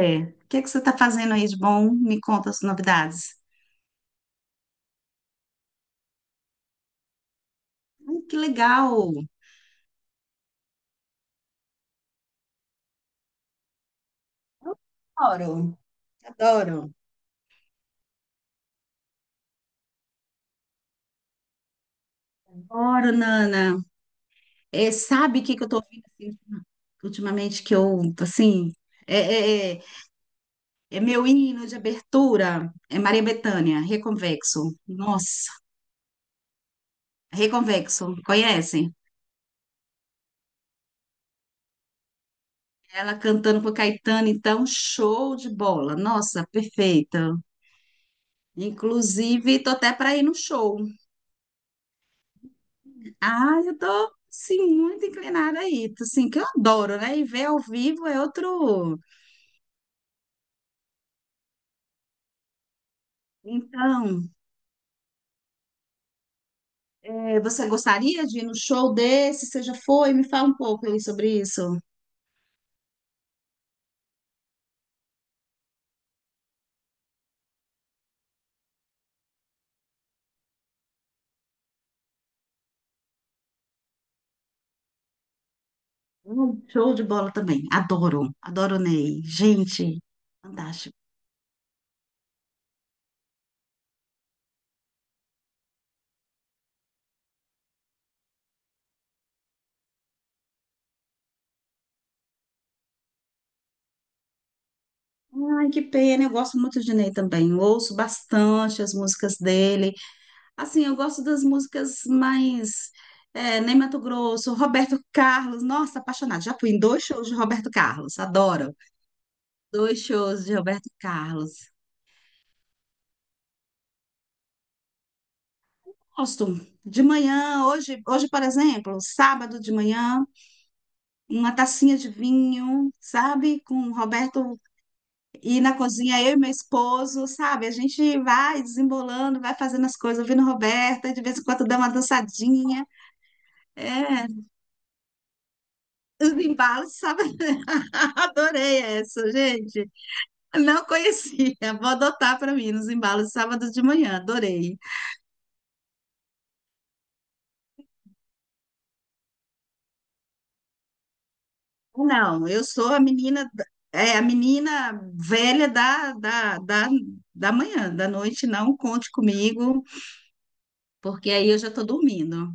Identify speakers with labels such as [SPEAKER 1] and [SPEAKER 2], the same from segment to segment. [SPEAKER 1] É. O que é que você está fazendo aí de bom? Me conta as novidades. Ai, que legal! Eu adoro, adoro. Adoro, Nana. É, sabe o que que eu estou ouvindo assim, ultimamente que eu, assim, é, é, é- é meu hino de abertura. É Maria Bethânia, Reconvexo. Nossa, Reconvexo, conhece? Ela cantando pro Caetano, então, show de bola. Nossa, perfeita. Inclusive, tô até para ir no show. Ah, eu tô, sim, muito inclinada aí, assim, que eu adoro, né? E ver ao vivo é outro. Então, você gostaria de ir no show desse? Você já foi? Me fala um pouco aí sobre isso. Show de bola também, adoro, adoro o Ney. Gente, fantástico. Ai, que pena, eu gosto muito de Ney também, ouço bastante as músicas dele. Assim, eu gosto das músicas mais... É, Ney Matogrosso, Roberto Carlos, nossa, apaixonada. Já fui em dois shows de Roberto Carlos, adoro. Dois shows de Roberto Carlos. Gosto. De manhã, hoje, hoje, por exemplo, sábado de manhã, uma tacinha de vinho, sabe? Com o Roberto e na cozinha, eu e meu esposo, sabe? A gente vai desembolando, vai fazendo as coisas, ouvindo o Roberto, e de vez em quando dá uma dançadinha. É, os embalos, sabe? Adorei essa, gente. Não conhecia. Vou adotar para mim nos embalos de sábado de manhã, adorei. Não, eu sou a menina, da- é a menina velha da manhã, da noite, não conte comigo, porque aí eu já estou dormindo.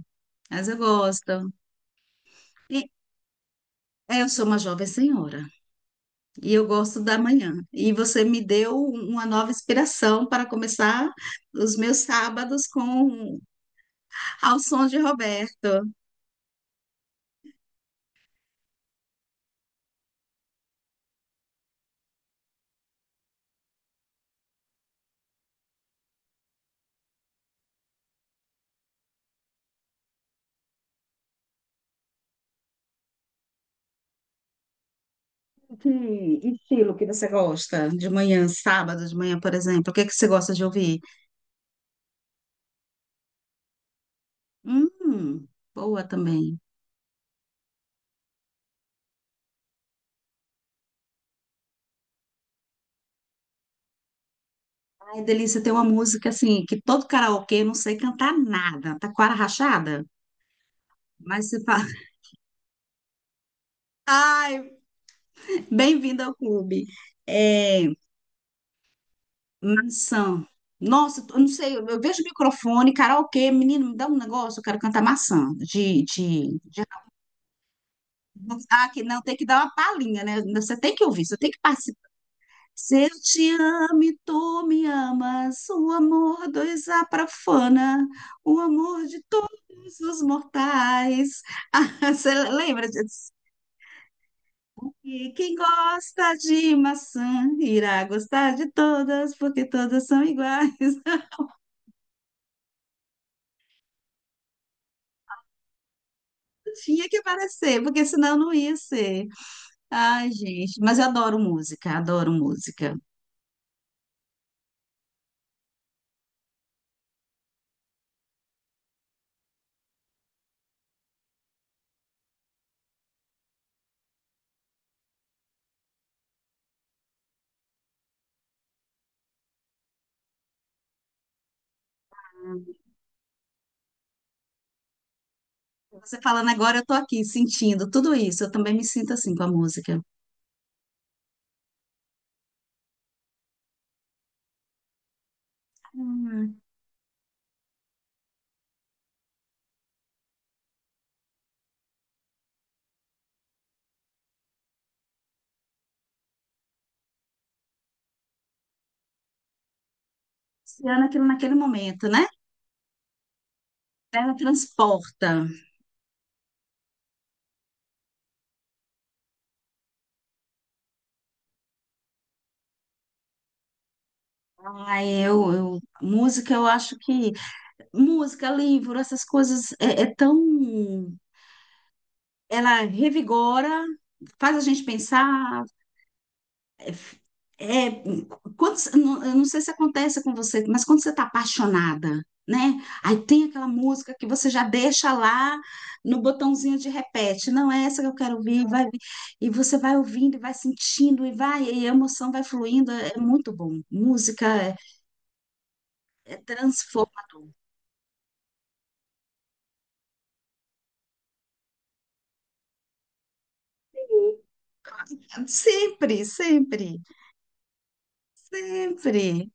[SPEAKER 1] Mas eu gosto. E, é, eu sou uma jovem senhora e eu gosto da manhã. E você me deu uma nova inspiração para começar os meus sábados com ao som de Roberto. Que estilo que você gosta de manhã, sábado de manhã, por exemplo? O que que você gosta de ouvir? Hum, boa também. Ai, delícia, tem uma música assim, que todo karaokê eu não sei cantar nada, taquara rachada, mas você fala, ai, bem-vindo ao clube. É, maçã. Nossa, eu não sei, eu vejo microfone, karaokê, menino, me dá um negócio, eu quero cantar maçã, Ah, que não, tem que dar uma palhinha, né? Você tem que ouvir, você tem que participar. Se eu te amo e tu me amas, o amor dos aprafana, o amor de todos os mortais. Ah, você lembra disso? E quem gosta de maçã irá gostar de todas, porque todas são iguais. Tinha que aparecer, porque senão não ia ser. Ai, gente, mas eu adoro música, adoro música. Você falando agora, eu tô aqui sentindo tudo isso. Eu também me sinto assim com a música. Hum, Luciana, aquilo naquele momento, né? Ela transporta. Ah, música, eu acho que música, livro, essas coisas é, é tão. Ela revigora, faz a gente pensar. É, é- quando, eu não sei se acontece com você, mas quando você está apaixonada, né? Aí tem aquela música que você já deixa lá no botãozinho de repete. Não é essa que eu quero ouvir, vai, e você vai ouvindo, e vai sentindo, e vai, e a emoção vai fluindo. É muito bom. Música. É transformador. Sempre, sempre, sempre.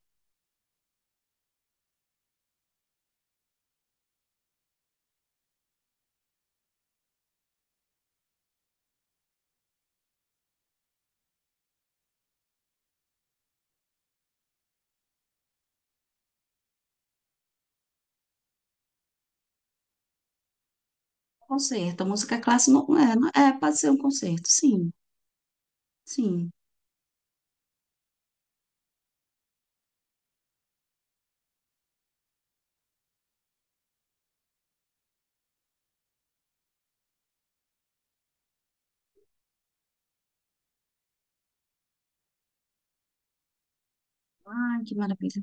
[SPEAKER 1] Concerto. A música clássica não é, não- é, pode ser um concerto, sim, sim. Ai, que maravilha.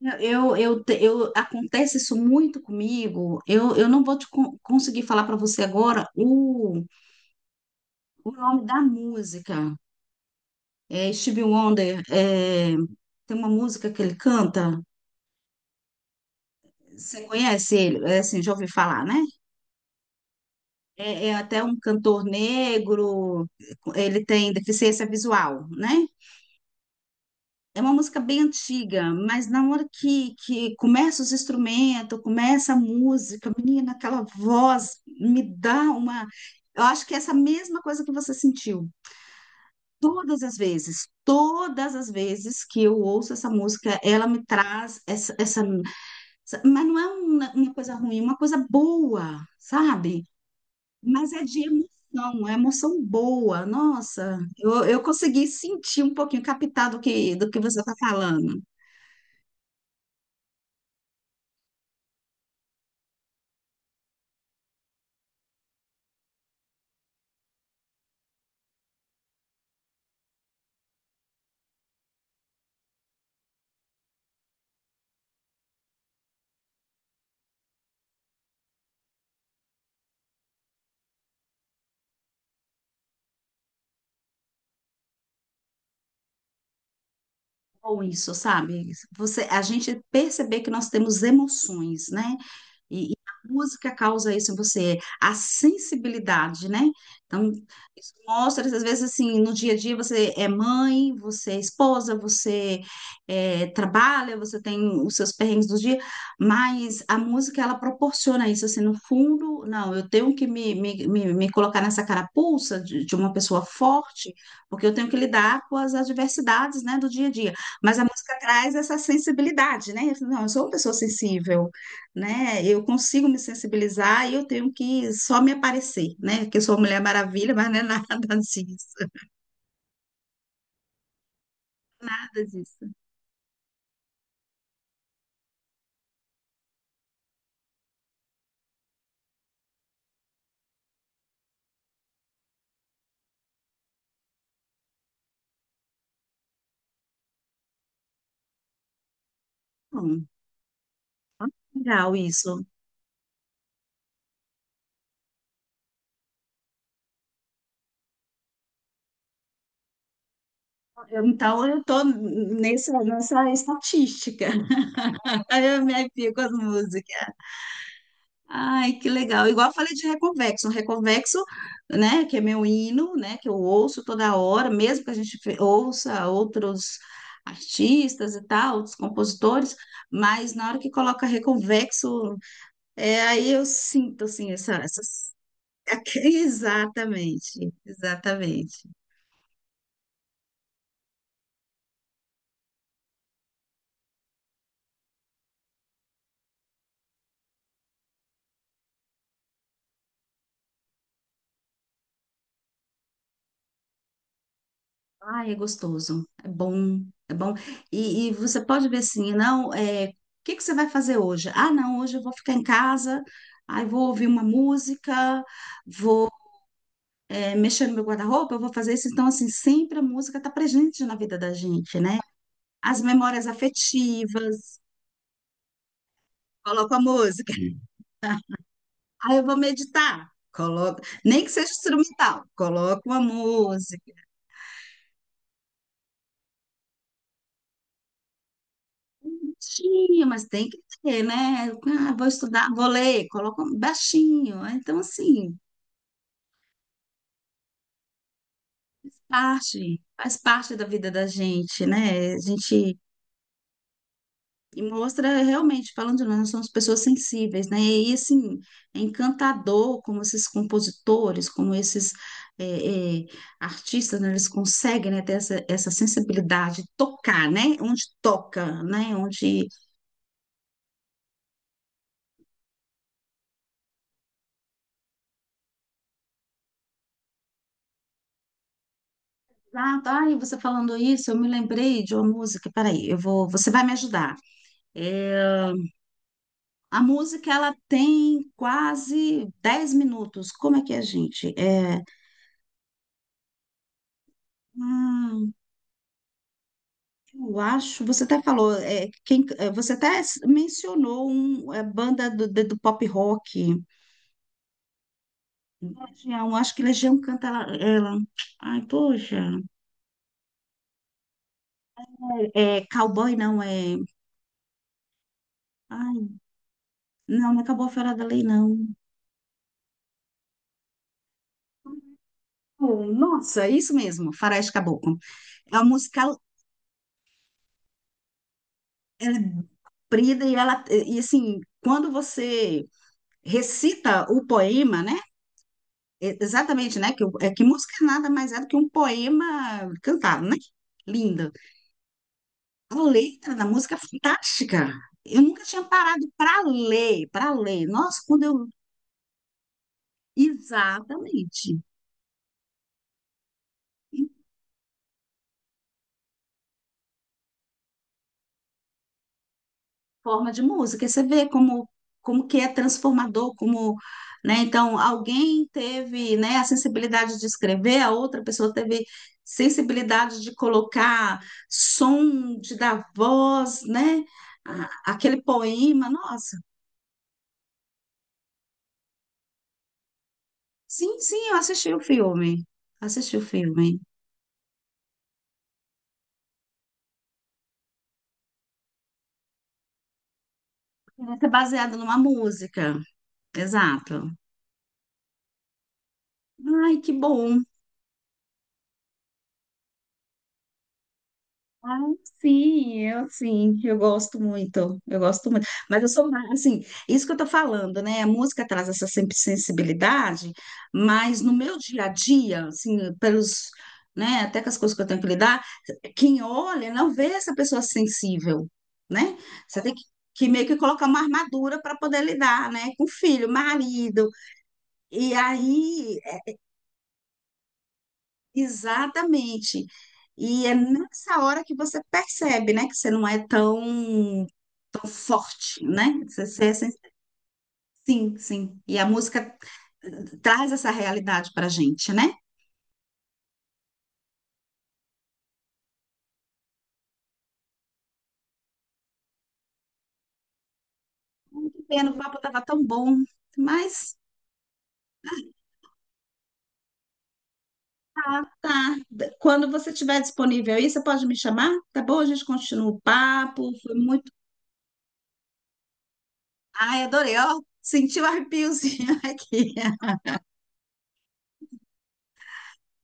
[SPEAKER 1] Acontece isso muito comigo. Eu não vou te con- conseguir falar para você agora o nome da música. É Stevie Wonder, é, tem uma música que ele canta. Você conhece ele? É assim, já ouvi falar, né? É, é até um cantor negro, ele tem deficiência visual, né? É uma música bem antiga, mas na hora que começa os instrumentos, começa a música, menina, aquela voz me dá uma. Eu acho que é essa mesma coisa que você sentiu. Todas as vezes que eu ouço essa música, ela me traz essa, essa, essa- mas não é uma coisa ruim, é uma coisa boa, sabe? Mas é de emoção, é emoção boa. Nossa, eu consegui sentir um pouquinho, captar do que você está falando. Ou isso, sabe? Você, a gente perceber que nós temos emoções, né? E a música causa isso em você, a sensibilidade, né? Então, isso mostra, às vezes, assim, no dia a dia você é mãe, você é esposa, você é, trabalha, você tem os seus perrengues do dia, mas a música, ela proporciona isso, assim, no fundo, não, eu tenho que me colocar nessa carapuça de uma pessoa forte, porque eu tenho que lidar com as adversidades, né, do dia a dia. Mas a música traz essa sensibilidade, né? Não, eu sou uma pessoa sensível, né? Eu consigo me sensibilizar e eu tenho que só me aparecer, né? Que eu sou uma Mulher Maravilha, mas não é nada disso, nada disso. Bom, legal isso. Eu- então eu tô nessa, nessa estatística. Aí eu me arrepio com as músicas. Ai, que legal. Igual eu falei de Reconvexo. Reconvexo, né, que é meu hino, né, que eu ouço toda hora, mesmo que a gente fe- ouça outros artistas e tal, outros compositores, mas na hora que coloca Reconvexo, é, aí eu sinto, assim, essa, essas... Exatamente, exatamente. Ah, é gostoso, é bom, é bom. E você pode ver assim, não, é, o que que você vai fazer hoje? Ah, não, hoje eu vou ficar em casa, aí vou ouvir uma música, é, mexendo no meu guarda-roupa, eu vou fazer isso. Então, assim, sempre a música está presente na vida da gente, né? As memórias afetivas, coloco a música. Aí eu vou meditar, coloco, nem que seja instrumental, coloco uma música. Baixinho, mas tem que ter, né? Ah, vou estudar, vou ler, coloco baixinho. Então, assim, parte, faz parte da vida da gente, né? A gente e mostra realmente, falando de nós, nós somos pessoas sensíveis, né? E assim, é encantador como esses compositores, como esses é, é, artistas, né? Eles conseguem, né, ter essa, essa sensibilidade, tocar, né? Onde toca, né? Onde. Ah, tá, e você falando isso, eu me lembrei de uma música. Peraí, eu vou, você vai me ajudar. É, a música, ela tem quase 10 minutos. Como é que é, gente? É. Hum, eu acho, você até falou, é, quem, é, você até s- mencionou um, é, banda do pop rock. Legião, acho que Legião canta ela, ela. Ai, poxa. É, é cowboy não, é. Ai, não, não acabou a Fera da Lei, não. Oh, nossa, é isso mesmo, Faroeste Caboclo. É uma música, ela é brida e ela, e assim, quando você recita o poema, né? E- exatamente, né? Que, o- é que música nada mais é do que um poema cantado, né? Linda. A letra da música é fantástica. Eu nunca tinha parado para ler, para ler. Nossa, quando eu. Exatamente. Forma de música. E você vê como, como que é transformador, como, né? Então, alguém teve, né, a sensibilidade de escrever, a outra pessoa teve sensibilidade de colocar som, de dar voz, né? A- aquele poema. Nossa. Sim, sim, eu assisti o filme. Assisti o filme. Vai ser baseado numa música. Exato. Ai, que bom. Ah, sim, eu gosto muito, eu gosto muito. Mas eu sou mais, assim, isso que eu tô falando, né? A música traz essa sempre sensibilidade, mas no meu dia a dia, assim, pelos, né, até com as coisas que eu tenho que lidar, quem olha não vê essa pessoa sensível, né? Você tem que meio que colocar uma armadura para poder lidar, né? Com filho, marido. E aí exatamente. E é nessa hora que você percebe, né, que você não é tão, tão forte, né? Você, você é sens- sim, sim. E a música traz essa realidade pra gente, né? Ai, que pena, o papo tava tão bom, mas tá. D- quando você tiver disponível aí, você pode me chamar, tá bom? A gente continua o papo, foi muito... Ai, adorei, ó, senti o arrepiozinho aqui.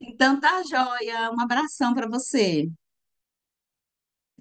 [SPEAKER 1] Então tá joia, um abração pra você.